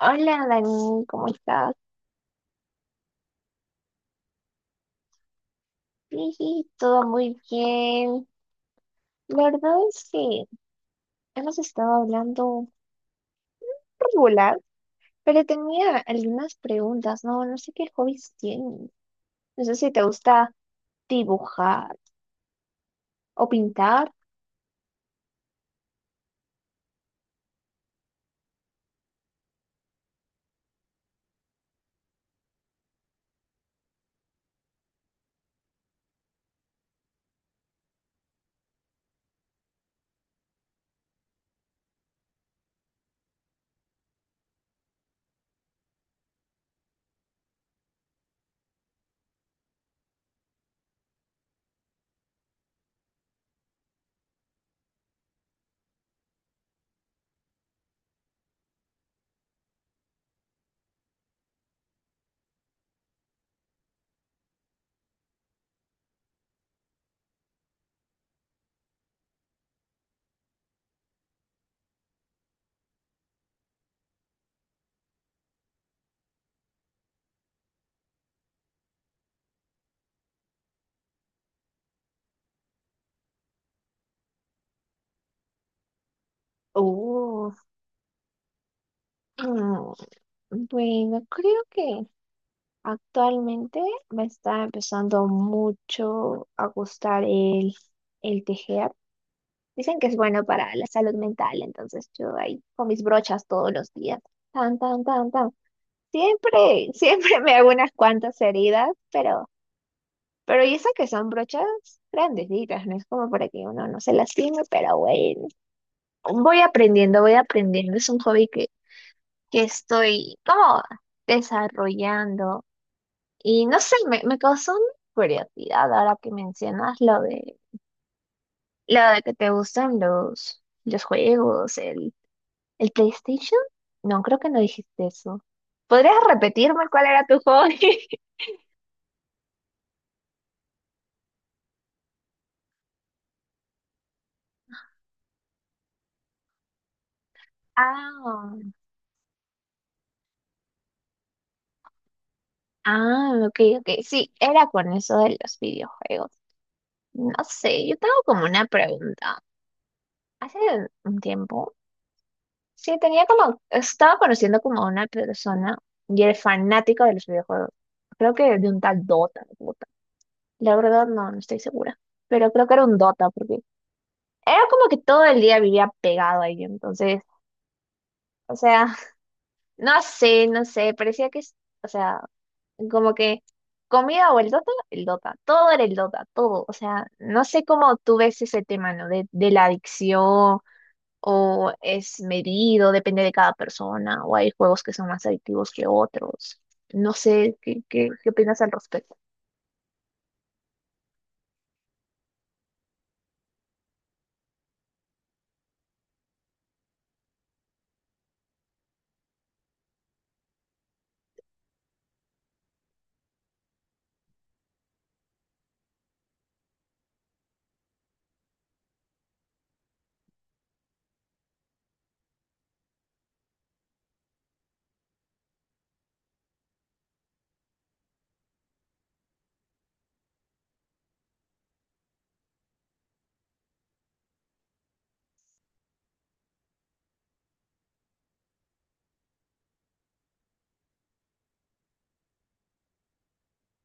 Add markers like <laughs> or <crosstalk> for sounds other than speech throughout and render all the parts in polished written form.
Hola, Dani, ¿cómo estás? Sí, sí, todo muy bien. La verdad es que hemos estado hablando regular, pero tenía algunas preguntas, ¿no? No sé qué hobbies tienes. No sé si te gusta dibujar o pintar. Oh, mm, bueno, creo que actualmente me está empezando mucho a gustar el tejer. Dicen que es bueno para la salud mental, entonces yo ahí con mis brochas todos los días. Tan, tan, tan, tan. Siempre, <laughs> siempre me hago unas cuantas heridas, pero y eso que son brochas grandecitas, no es como para que uno no se lastime, pero bueno. Voy aprendiendo, voy aprendiendo. Es un hobby que estoy como desarrollando. Y no sé, me causó una curiosidad ahora que mencionas lo de que te gustan los juegos, el. ¿El PlayStation? No, creo que no dijiste eso. ¿Podrías repetirme cuál era tu hobby? <laughs> Ah, ok, ok. Sí, era con eso de los videojuegos. No sé, yo tengo como una pregunta. Hace un tiempo, sí, tenía como, estaba conociendo como a una persona y era fanático de los videojuegos. Creo que de un tal Dota. La verdad no, no estoy segura. Pero creo que era un Dota porque era como que todo el día vivía pegado ahí. Entonces, o sea, no sé, no sé, parecía o sea, como que comida o el el Dota, todo era el Dota, todo, o sea, no sé cómo tú ves ese tema, ¿no? De la adicción o es medido, depende de cada persona, o hay juegos que son más adictivos que otros, no sé, ¿qué, qué opinas al respecto?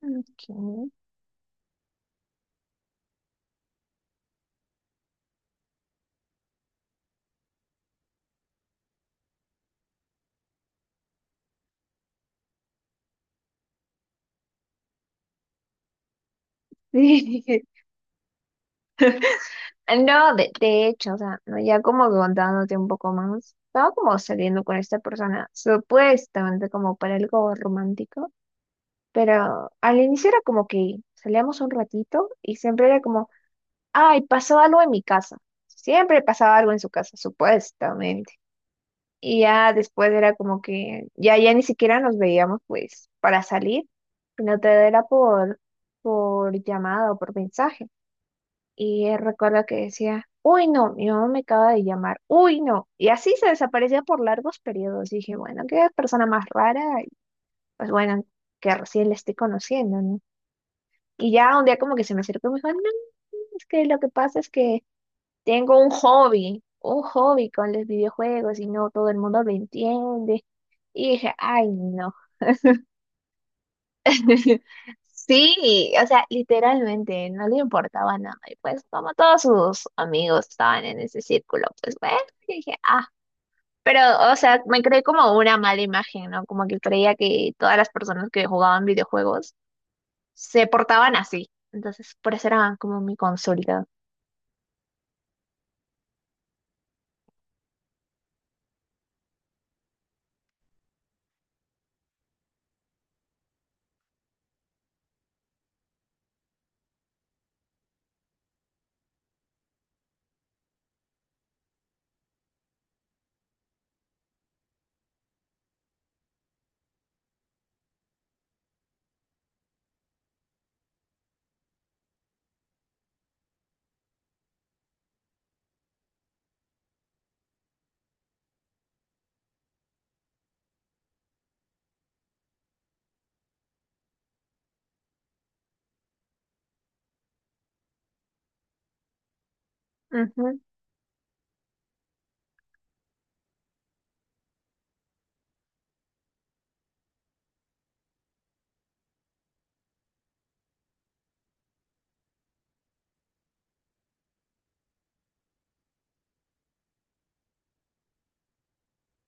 Ok. <laughs> No, de hecho, o sea, ¿no? Ya como que contándote un poco más, estaba como saliendo con esta persona, supuestamente como para algo romántico. Pero al inicio era como que salíamos un ratito y siempre era como, ay, pasó algo en mi casa. Siempre pasaba algo en su casa, supuestamente. Y ya después era como que ya ni siquiera nos veíamos pues para salir, sino todo era por llamada o por mensaje. Y él recuerda que decía, uy, no, mi mamá me acaba de llamar, uy, no. Y así se desaparecía por largos periodos. Y dije, bueno, qué persona más rara, y pues bueno, que recién le estoy conociendo, ¿no? Y ya un día como que se me acercó y me dijo, no, es que lo que pasa es que tengo un hobby con los videojuegos y no todo el mundo lo entiende. Y dije, ay, no. <laughs> Sí, o sea, literalmente no le importaba nada. Y pues como todos sus amigos estaban en ese círculo, pues bueno, y dije, ah, pero o sea, me creé como una mala imagen, ¿no? Como que creía que todas las personas que jugaban videojuegos se portaban así. Entonces, por eso era como mi consulta.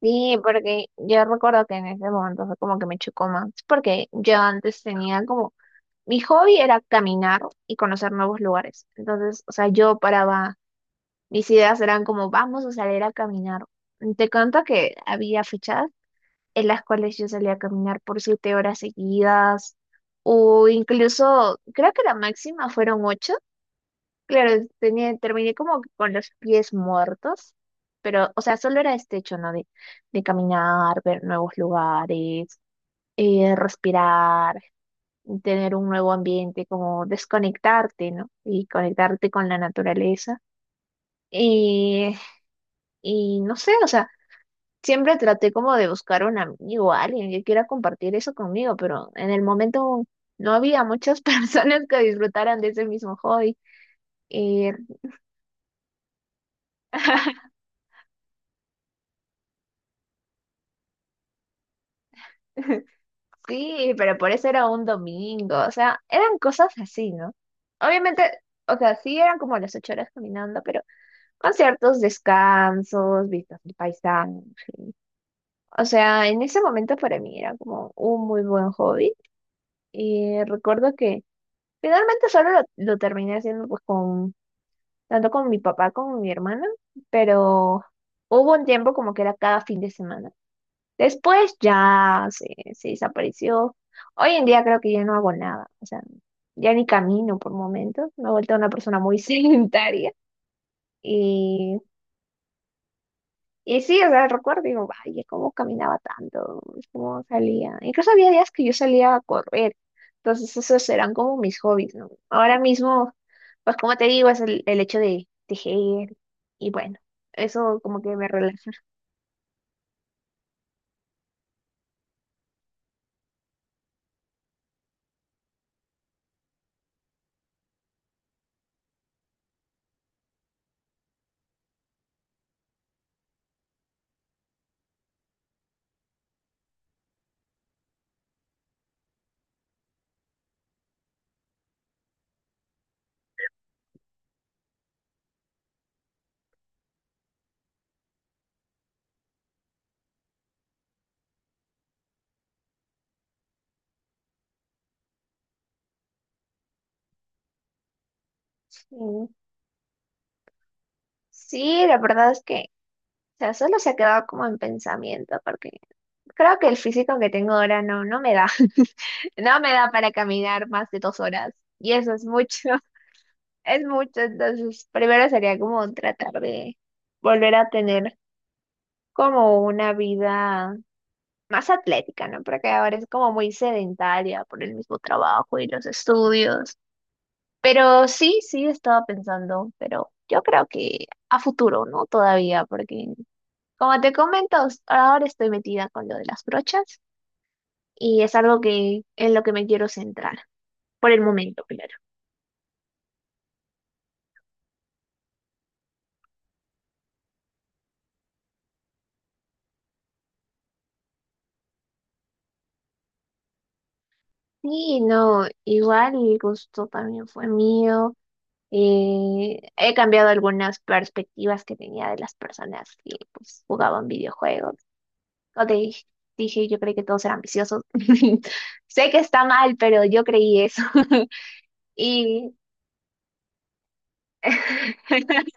Sí, porque yo recuerdo que en ese momento fue como que me chocó más, porque yo antes tenía como, mi hobby era caminar y conocer nuevos lugares. Entonces, o sea, yo paraba, mis ideas eran como, vamos a salir a caminar. Te cuento que había fechas en las cuales yo salía a caminar por 7 horas seguidas, o incluso, creo que la máxima fueron 8. Claro, tenía, terminé como que con los pies muertos, pero, o sea, solo era este hecho, ¿no? De caminar, ver nuevos lugares, respirar, tener un nuevo ambiente, como desconectarte, ¿no? Y conectarte con la naturaleza. Y, y no sé, o sea, siempre traté como de buscar un amigo, alguien que quiera compartir eso conmigo, pero en el momento no había muchas <laughs> personas que disfrutaran de ese mismo hobby. Y <laughs> sí, pero por eso era un domingo, o sea, eran cosas así, ¿no? Obviamente, o sea, sí eran como las 8 horas caminando, pero con ciertos descansos, vistas del paisaje. O sea, en ese momento para mí era como un muy buen hobby y recuerdo que finalmente solo lo terminé haciendo pues con, tanto con mi papá como con mi hermana, pero hubo un tiempo como que era cada fin de semana. Después ya se desapareció. Hoy en día creo que ya no hago nada, o sea, ya ni camino por momentos, me he vuelto una persona muy <laughs> sedentaria y, y sí, o sea, recuerdo, digo, vaya, cómo caminaba tanto, cómo salía. Incluso había días que yo salía a correr, entonces esos eran como mis hobbies, ¿no? Ahora mismo, pues como te digo, es el hecho de tejer y bueno, eso como que me relaja. Y sí, la verdad es que, o sea, solo se ha quedado como en pensamiento, porque creo que el físico que tengo ahora no, no me da. <laughs> No me da para caminar más de 2 horas. Y eso es mucho, <laughs> es mucho. Entonces, primero sería como tratar de volver a tener como una vida más atlética, ¿no? Porque ahora es como muy sedentaria por el mismo trabajo y los estudios. Pero sí, sí, estaba pensando, pero yo creo que a futuro, ¿no? Todavía, porque como te comento, ahora estoy metida con lo de las brochas y es algo que en lo que me quiero centrar, por el momento, claro. Sí, no, igual el gusto también fue mío. Eh, he cambiado algunas perspectivas que tenía de las personas que pues, jugaban videojuegos. O te dije, yo creí que todos eran viciosos. <laughs> Sé que está mal, pero yo creí eso. <laughs> Y <laughs>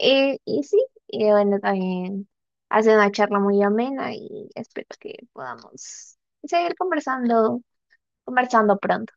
eh, y sí, y bueno, también hace una charla muy amena y espero que podamos seguir conversando pronto.